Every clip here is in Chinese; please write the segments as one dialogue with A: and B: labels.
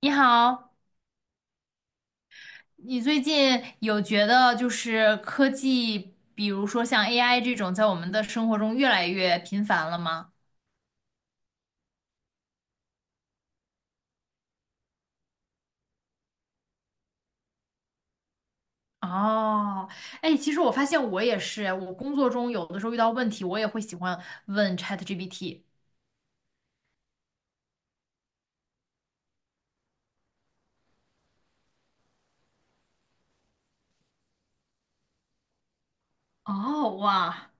A: 你好，你最近有觉得就是科技，比如说像 AI 这种，在我们的生活中越来越频繁了吗？哦，哎，其实我发现我也是，我工作中有的时候遇到问题，我也会喜欢问 ChatGPT。哦，哇，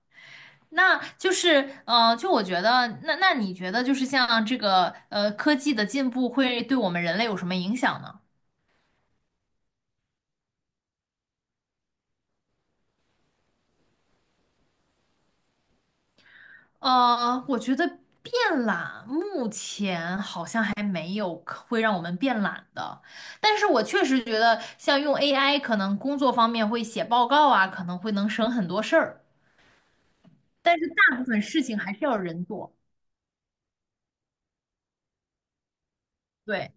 A: 那就是，就我觉得，那你觉得就是像这个科技的进步会对我们人类有什么影响呢？我觉得变懒目前好像还没有可会让我们变懒的，但是我确实觉得像用 AI，可能工作方面会写报告啊，可能会能省很多事儿，但是大部分事情还是要人做，对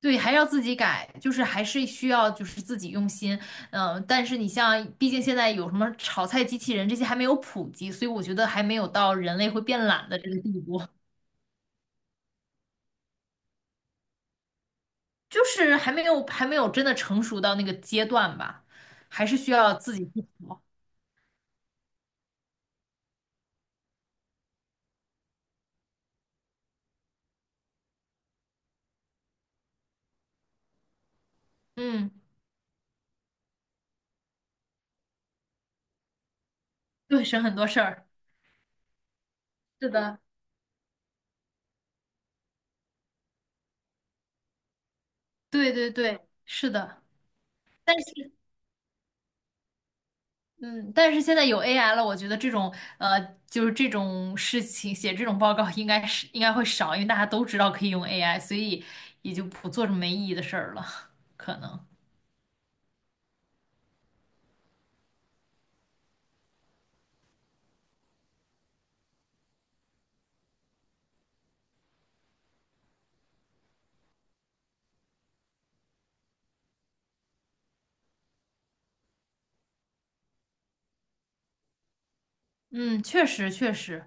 A: 对，还要自己改，就是还是需要就是自己用心，嗯、但是你像，毕竟现在有什么炒菜机器人这些还没有普及，所以我觉得还没有到人类会变懒的这个地步。就是还没有真的成熟到那个阶段吧，还是需要自己去磨。嗯，对，省很多事儿。是的，对对对，是的。但是，嗯，但是现在有 AI 了，我觉得这种呃，就是这种事情写这种报告应该会少，因为大家都知道可以用 AI，所以也就不做这么没意义的事儿了，可能。嗯，确实确实，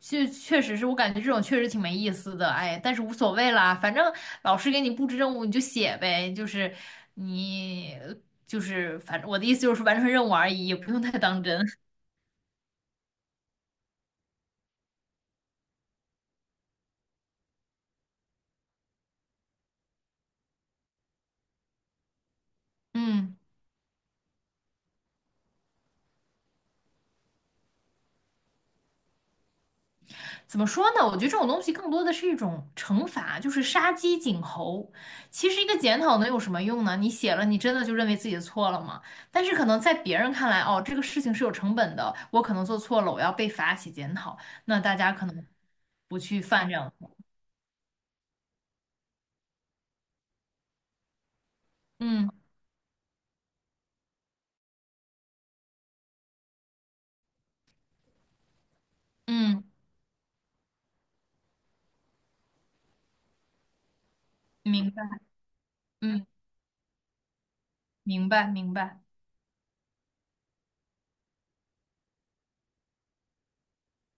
A: 就确实是我感觉这种确实挺没意思的，哎，但是无所谓啦，反正老师给你布置任务你就写呗，就是你就是反正我的意思就是完成任务而已，也不用太当真。嗯，怎么说呢？我觉得这种东西更多的是一种惩罚，就是杀鸡儆猴。其实一个检讨能有什么用呢？你写了，你真的就认为自己的错了吗？但是可能在别人看来，哦，这个事情是有成本的，我可能做错了，我要被罚写检讨，那大家可能不去犯这样的错。嗯。嗯，明白，嗯，明白，明白。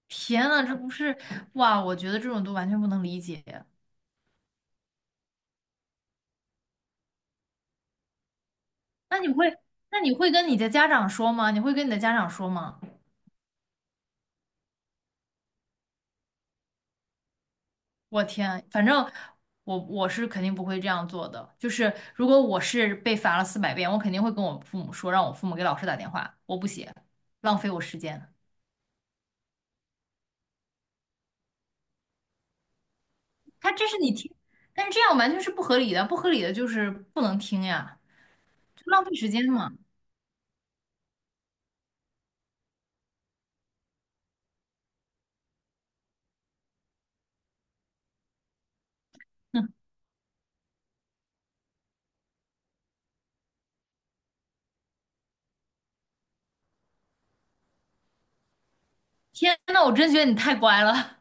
A: 天呐，这不是，哇，我觉得这种都完全不能理解。那你会，那你会跟你的家长说吗？你会跟你的家长说吗？我天，反正我是肯定不会这样做的。就是如果我是被罚了四百遍，我肯定会跟我父母说，让我父母给老师打电话，我不写，浪费我时间。他这是你听，但是这样完全是不合理的，不合理的就是不能听呀，就浪费时间嘛。天呐，我真觉得你太乖了。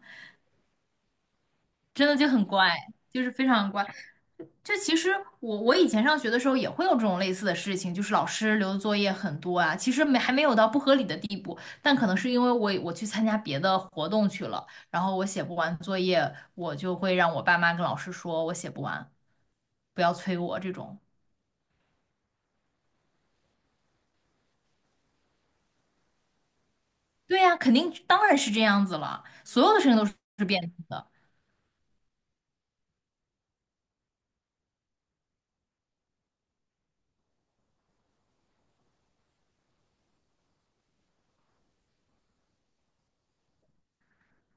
A: 真的就很乖，就是非常乖。就其实我以前上学的时候也会有这种类似的事情，就是老师留的作业很多啊，其实没还没有到不合理的地步，但可能是因为我去参加别的活动去了，然后我写不完作业，我就会让我爸妈跟老师说我写不完，不要催我这种。对呀，肯定当然是这样子了，所有的事情都是变动的。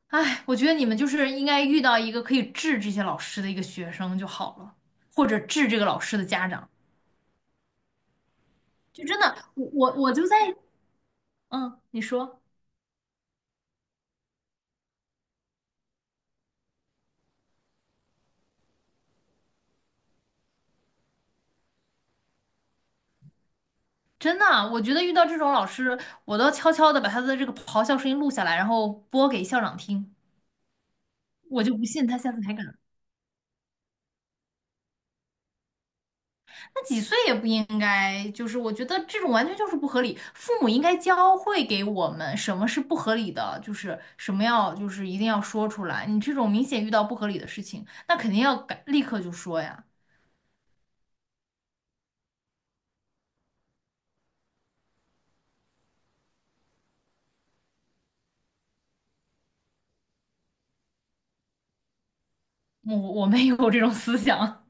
A: 哎，我觉得你们就是应该遇到一个可以治这些老师的一个学生就好了，或者治这个老师的家长。就真的，我就在，嗯，你说，真的啊，我觉得遇到这种老师，我都要悄悄的把他的这个咆哮声音录下来，然后播给校长听。我就不信他下次还敢。那几岁也不应该，就是我觉得这种完全就是不合理。父母应该教会给我们什么是不合理的，就是什么要就是一定要说出来。你这种明显遇到不合理的事情，那肯定要改，立刻就说呀。我没有这种思想，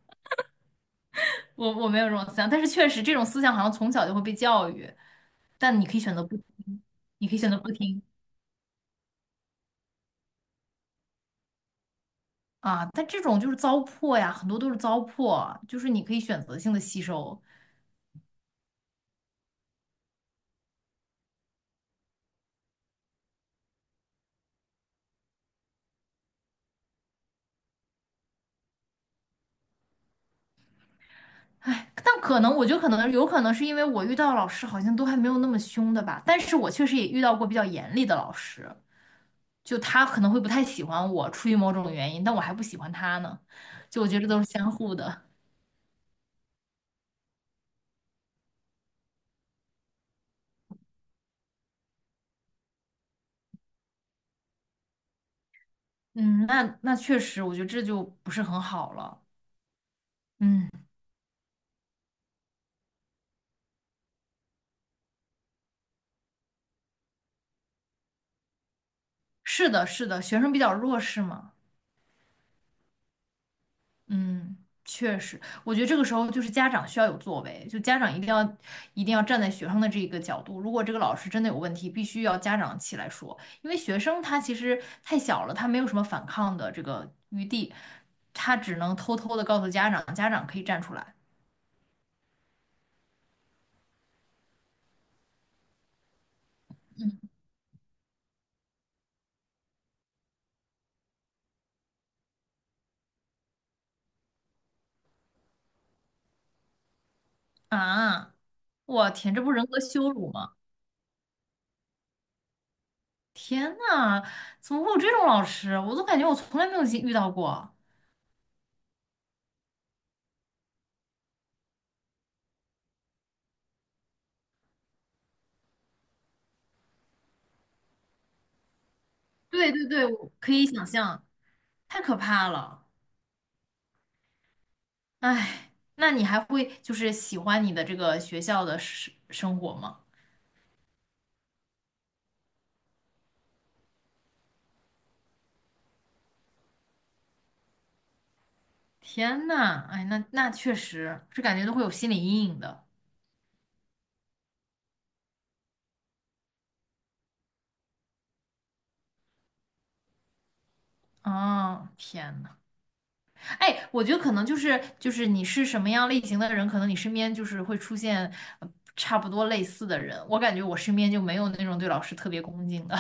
A: 我没有这种思想，但是确实这种思想好像从小就会被教育。但你可以选择不听，你可以选择不听啊。但这种就是糟粕呀，很多都是糟粕，就是你可以选择性的吸收。哎，但可能我觉得可能有可能是因为我遇到老师好像都还没有那么凶的吧，但是我确实也遇到过比较严厉的老师，就他可能会不太喜欢我，出于某种原因，但我还不喜欢他呢。就我觉得都是相互的。嗯，那那确实，我觉得这就不是很好了。嗯，是的，是的，学生比较弱势嘛。嗯，确实，我觉得这个时候就是家长需要有作为，就家长一定要站在学生的这个角度，如果这个老师真的有问题，必须要家长起来说，因为学生他其实太小了，他没有什么反抗的这个余地，他只能偷偷的告诉家长，家长可以站出来啊！我天，这不人格羞辱吗？天呐，怎么会有这种老师？我都感觉我从来没有遇到过。对对对，我可以想象，太可怕了。哎，那你还会就是喜欢你的这个学校的生活吗？天呐，哎，那那确实是感觉都会有心理阴影的。啊！天呐，哎，我觉得可能就是你是什么样类型的人，可能你身边就是会出现呃差不多类似的人。我感觉我身边就没有那种对老师特别恭敬的，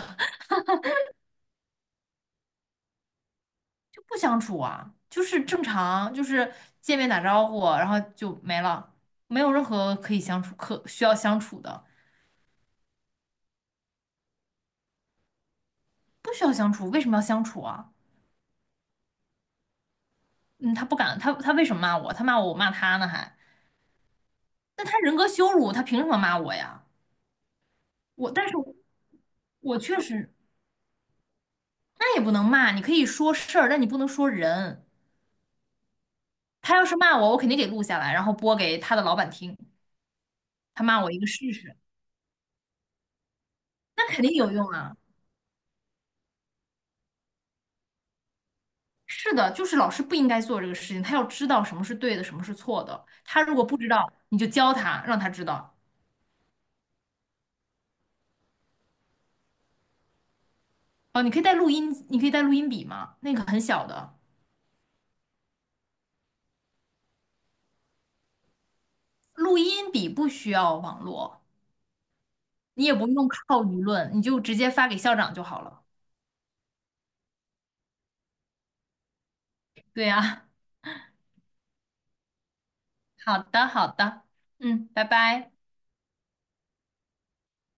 A: 就不相处啊，就是正常，就是见面打招呼，然后就没了，没有任何可以相处可需要相处的。不需要相处，为什么要相处啊？嗯，他不敢，他为什么骂我？他骂我，我骂他呢还？那他人格羞辱，他凭什么骂我呀？我，但是我确实，那也不能骂，你可以说事儿，但你不能说人。他要是骂我，我肯定给录下来，然后播给他的老板听，他骂我一个试试，那肯定有用啊。是的，就是老师不应该做这个事情，他要知道什么是对的，什么是错的。他如果不知道，你就教他，让他知道。哦，你可以带录音，你可以带录音笔吗？那个很小的。录音笔不需要网络，你也不用靠舆论，你就直接发给校长就好了。对呀，好的，好的，嗯，拜拜。